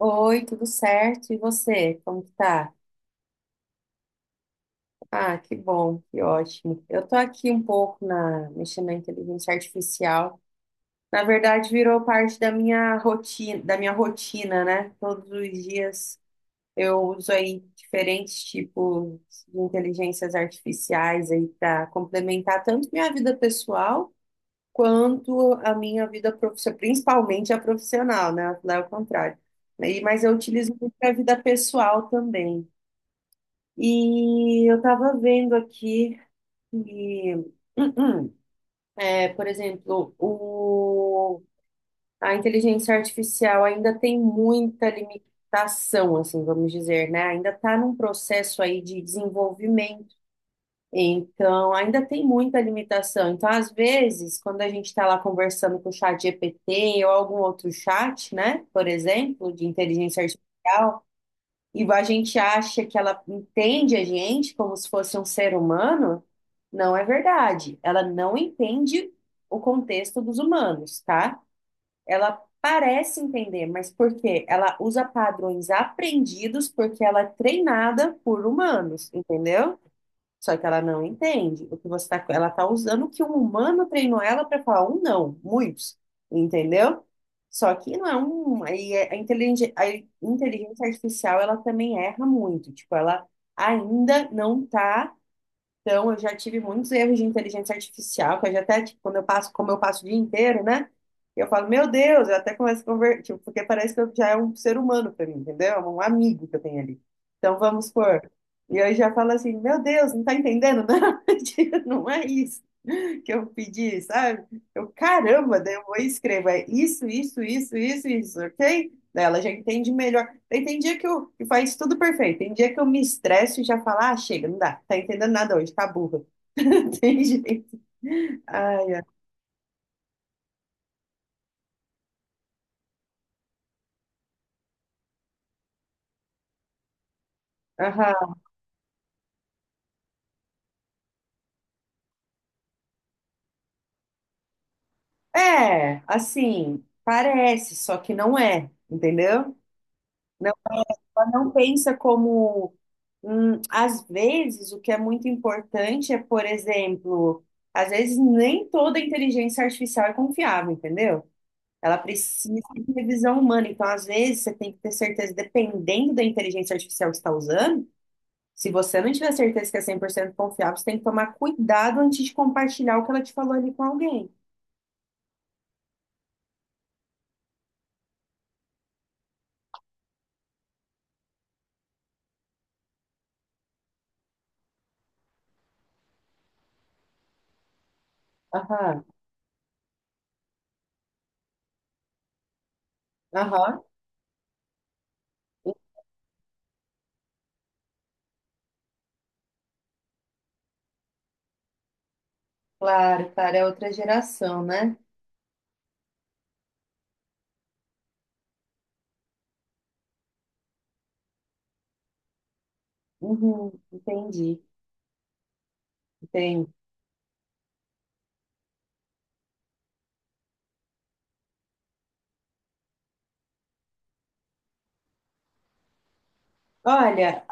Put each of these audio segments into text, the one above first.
Oi, tudo certo? E você, como que tá? Ah, que bom, que ótimo. Eu tô aqui um pouco na, mexendo na inteligência artificial. Na verdade, virou parte da minha rotina, né? Todos os dias eu uso aí diferentes tipos de inteligências artificiais aí para complementar tanto minha vida pessoal quanto a minha vida profissional, principalmente a profissional, né? Lá é o contrário. Mas eu utilizo muito para a vida pessoal também. E eu estava vendo aqui que, é, por exemplo, a inteligência artificial ainda tem muita limitação, assim, vamos dizer, né? Ainda está num processo aí de desenvolvimento. Então, ainda tem muita limitação. Então, às vezes, quando a gente está lá conversando com o chat GPT ou algum outro chat, né? Por exemplo, de inteligência artificial, e a gente acha que ela entende a gente como se fosse um ser humano, não é verdade. Ela não entende o contexto dos humanos, tá? Ela parece entender, mas por quê? Ela usa padrões aprendidos porque ela é treinada por humanos, entendeu? Só que ela não entende o que você tá, ela tá usando o que um humano treinou ela para falar um não, muitos, entendeu? Só que não é um, a inteligência artificial ela também erra muito, tipo, ela ainda não tá então, eu já tive muitos erros de inteligência artificial, que eu já até, tipo, quando eu passo, como eu passo o dia inteiro, né? Eu falo, meu Deus, eu até começo a conversar, tipo, porque parece que eu já é um ser humano para mim, entendeu? É um amigo que eu tenho ali. Então, vamos supor. E eu já falo assim, meu Deus, não tá entendendo, não? Tipo, não é isso que eu pedi, sabe? Eu, caramba, daí eu vou e escrevo, é isso, isso, isso, isso, isso, ok? Daí ela já entende melhor. Tem dia que eu que faz tudo perfeito. Tem dia que eu me estresso e já falo, ah, chega, não dá, tá entendendo nada hoje, tá burra. Tem jeito. Ai, ai. Aham. É, assim, parece, só que não é, entendeu? Não, ela não pensa como. Às vezes, o que é muito importante é, por exemplo, às vezes nem toda inteligência artificial é confiável, entendeu? Ela precisa de revisão humana. Então, às vezes, você tem que ter certeza, dependendo da inteligência artificial que você está usando, se você não tiver certeza que é 100% confiável, você tem que tomar cuidado antes de compartilhar o que ela te falou ali com alguém. Aham, aham. Claro, cara, é outra geração, né? Uhum, entendi, entendi. Olha,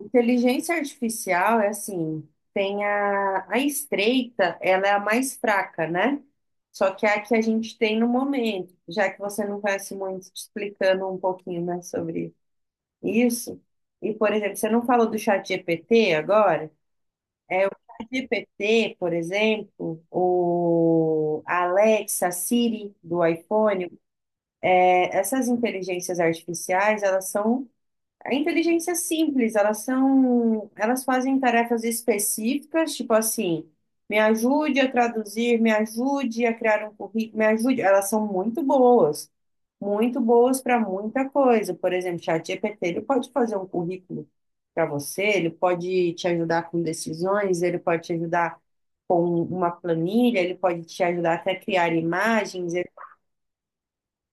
inteligência artificial é assim, tem a estreita, ela é a mais fraca, né? Só que é a que a gente tem no momento, já que você não conhece muito, te explicando um pouquinho, né, sobre isso. E, por exemplo, você não falou do chat GPT agora? É o chat GPT, por exemplo, o Alexa, Siri do iPhone, é, essas inteligências artificiais, elas são a inteligência é simples, elas são, elas fazem tarefas específicas, tipo assim, me ajude a traduzir, me ajude a criar um currículo, me ajude. Elas são muito boas para muita coisa. Por exemplo, ChatGPT, ele pode fazer um currículo para você, ele pode te ajudar com decisões, ele pode te ajudar com uma planilha, ele pode te ajudar até criar imagens,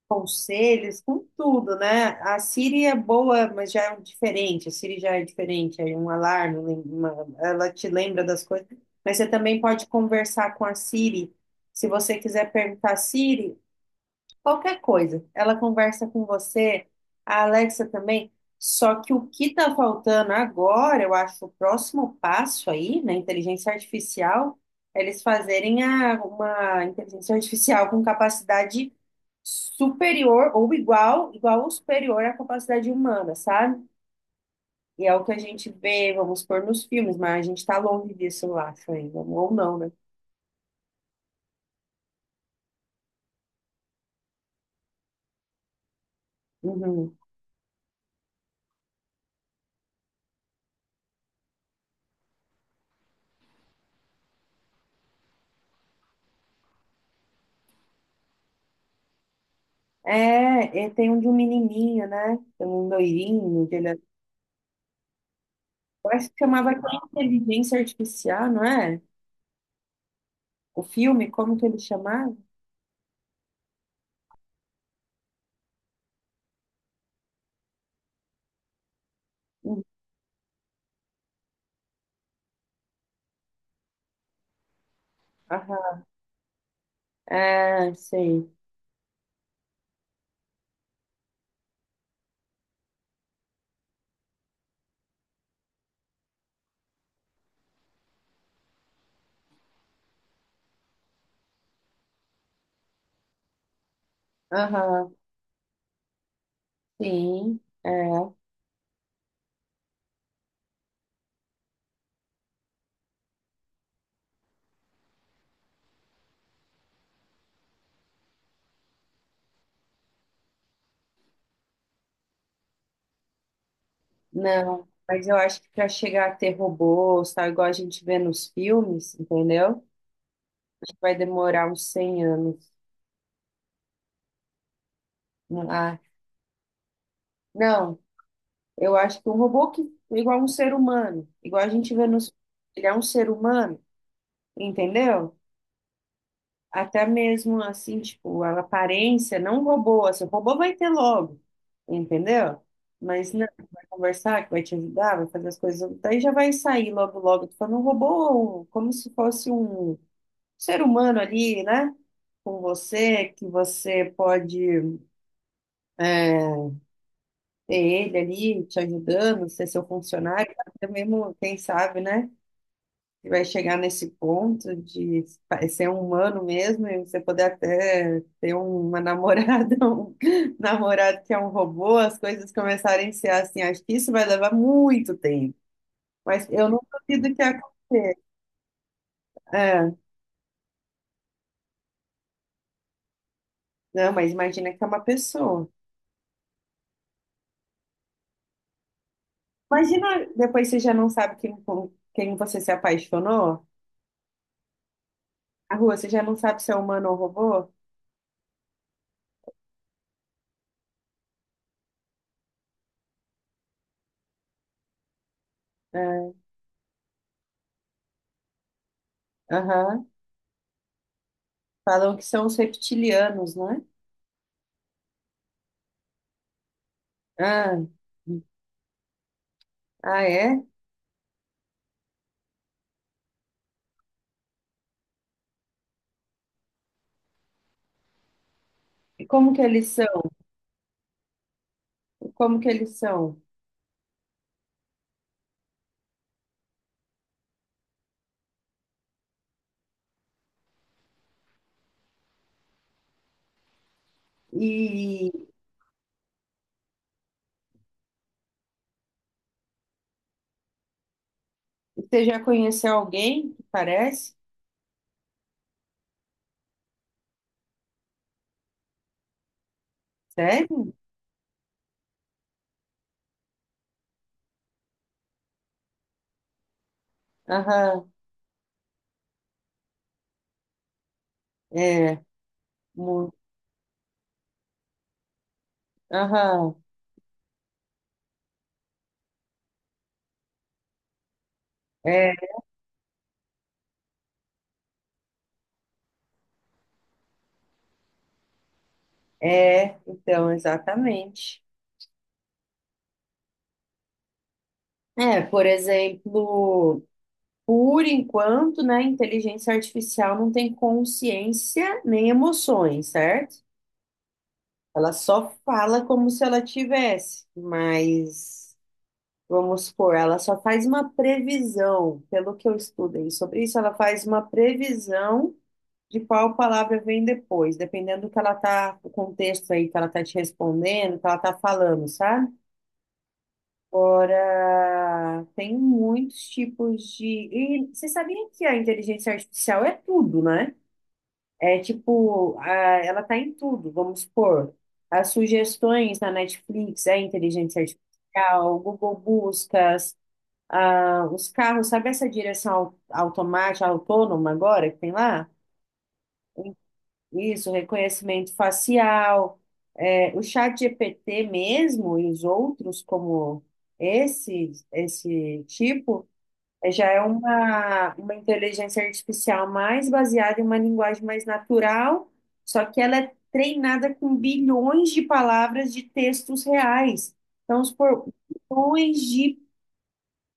conselhos, com tudo, né? A Siri é boa, mas já é um diferente. A Siri já é diferente, aí um alarme, ela te lembra das coisas. Mas você também pode conversar com a Siri. Se você quiser perguntar, Siri, qualquer coisa. Ela conversa com você, a Alexa também. Só que o que está faltando agora, eu acho, o próximo passo aí, na inteligência artificial, é eles fazerem uma inteligência artificial com capacidade superior ou igual, igual ou superior à capacidade humana, sabe? E é o que a gente vê, vamos pôr nos filmes, mas a gente está longe disso, eu acho, ainda. Ou não, né? Uhum. É, e tem um de um menininho, né? Tem um loirinho. Eu acho que chamava aquela inteligência artificial, não é? O filme, como que ele chamava? Hum, Aham. É, sei. Aham, sim. É. Não, mas eu acho que para chegar a ter robôs, tal, igual a gente vê nos filmes, entendeu? Acho que vai demorar uns 100 anos. Ah, não, eu acho que um robô que é igual um ser humano, igual a gente vê nos, ele é um ser humano, entendeu? Até mesmo assim, tipo, a aparência, não o robô, assim, o robô vai ter logo, entendeu? Mas não, vai conversar, que vai te ajudar, vai fazer as coisas, daí já vai sair logo, logo, tu falando um robô, como se fosse um ser humano ali, né? Com você, que você pode é, ter ele ali te ajudando, ser seu funcionário, até mesmo, quem sabe, né? E vai chegar nesse ponto de ser um humano mesmo e você poder até ter uma namorada, um namorado que é um robô, as coisas começarem a ser assim. Acho que isso vai levar muito tempo. Mas eu não duvido que a... É, não, mas imagina que é uma pessoa. Imagina depois você já não sabe quem, com quem você se apaixonou. A rua, você já não sabe se é humano ou robô? É, aham. Falam que são os reptilianos, não é? Ah, ah, é? E como que eles Como que eles são? E você já conheceu alguém que parece? Sério? Aham, é. mu- Aham, é, é. Então, exatamente. É, por exemplo, por enquanto, né, a inteligência artificial não tem consciência nem emoções, certo? Ela só fala como se ela tivesse, mas vamos supor, ela só faz uma previsão, pelo que eu estudei sobre isso, ela faz uma previsão de qual palavra vem depois, dependendo do que ela tá, o contexto aí que ela tá te respondendo, que ela tá falando, sabe? Agora, tem muitos tipos de. E você sabia que a inteligência artificial é tudo, né? É tipo, ela tá em tudo, vamos supor. As sugestões na Netflix é inteligência artificial, o Google Buscas, ah, os carros, sabe essa direção automática, autônoma agora que tem lá? Isso, reconhecimento facial, é, o chat GPT mesmo e os outros como esse tipo, é, já é uma inteligência artificial mais baseada em uma linguagem mais natural, só que ela é treinada com bilhões de palavras de textos reais. Então, bilhões de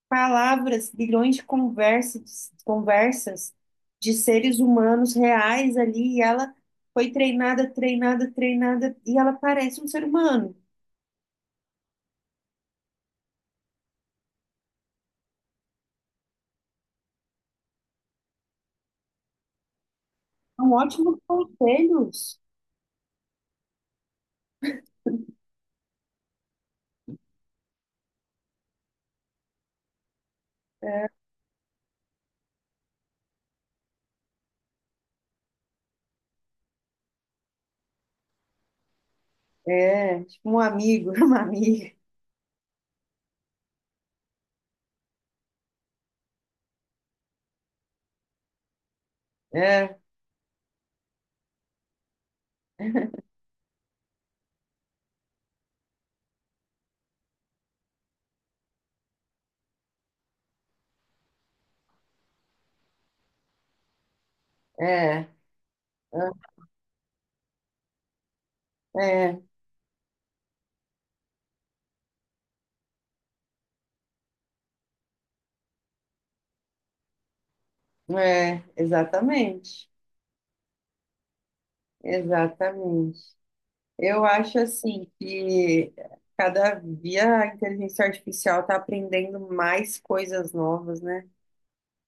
palavras, bilhões de conversas, conversas de seres humanos reais ali, e ela foi treinada, treinada, treinada, e ela parece um ser humano. São ótimos conselhos. É, tipo um amigo, uma amiga. É, é, é, é, exatamente, exatamente. Eu acho assim que cada dia a inteligência artificial está aprendendo mais coisas novas, né?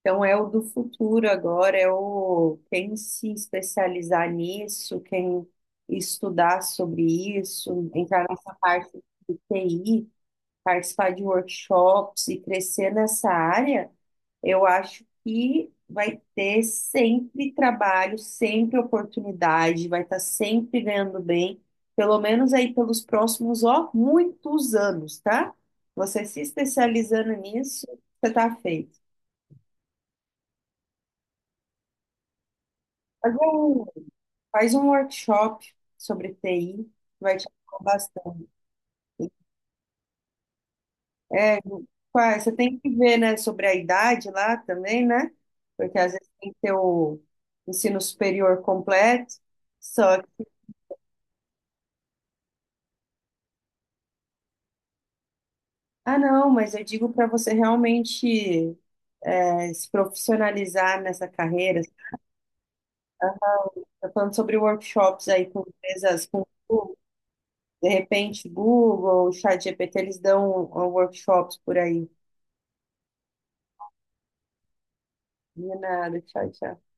Então, é o do futuro agora, é o quem se especializar nisso, quem estudar sobre isso, entrar nessa parte de TI, participar de workshops e crescer nessa área, eu acho que vai ter sempre trabalho, sempre oportunidade, vai estar sempre ganhando bem, pelo menos aí pelos próximos, ó, muitos anos, tá? Você se especializando nisso, você tá feito. Mas, é, faz um workshop sobre TI, vai te ajudar bastante. Ué, você tem que ver, né, sobre a idade lá também, né? Porque às vezes tem que ter o ensino superior completo. Só que, ah, não, mas eu digo para você realmente é, se profissionalizar nessa carreira. Tá falando sobre workshops aí com empresas, com Google, de repente Google, ChatGPT, eles dão workshops por aí. De nada, tchau, tchau.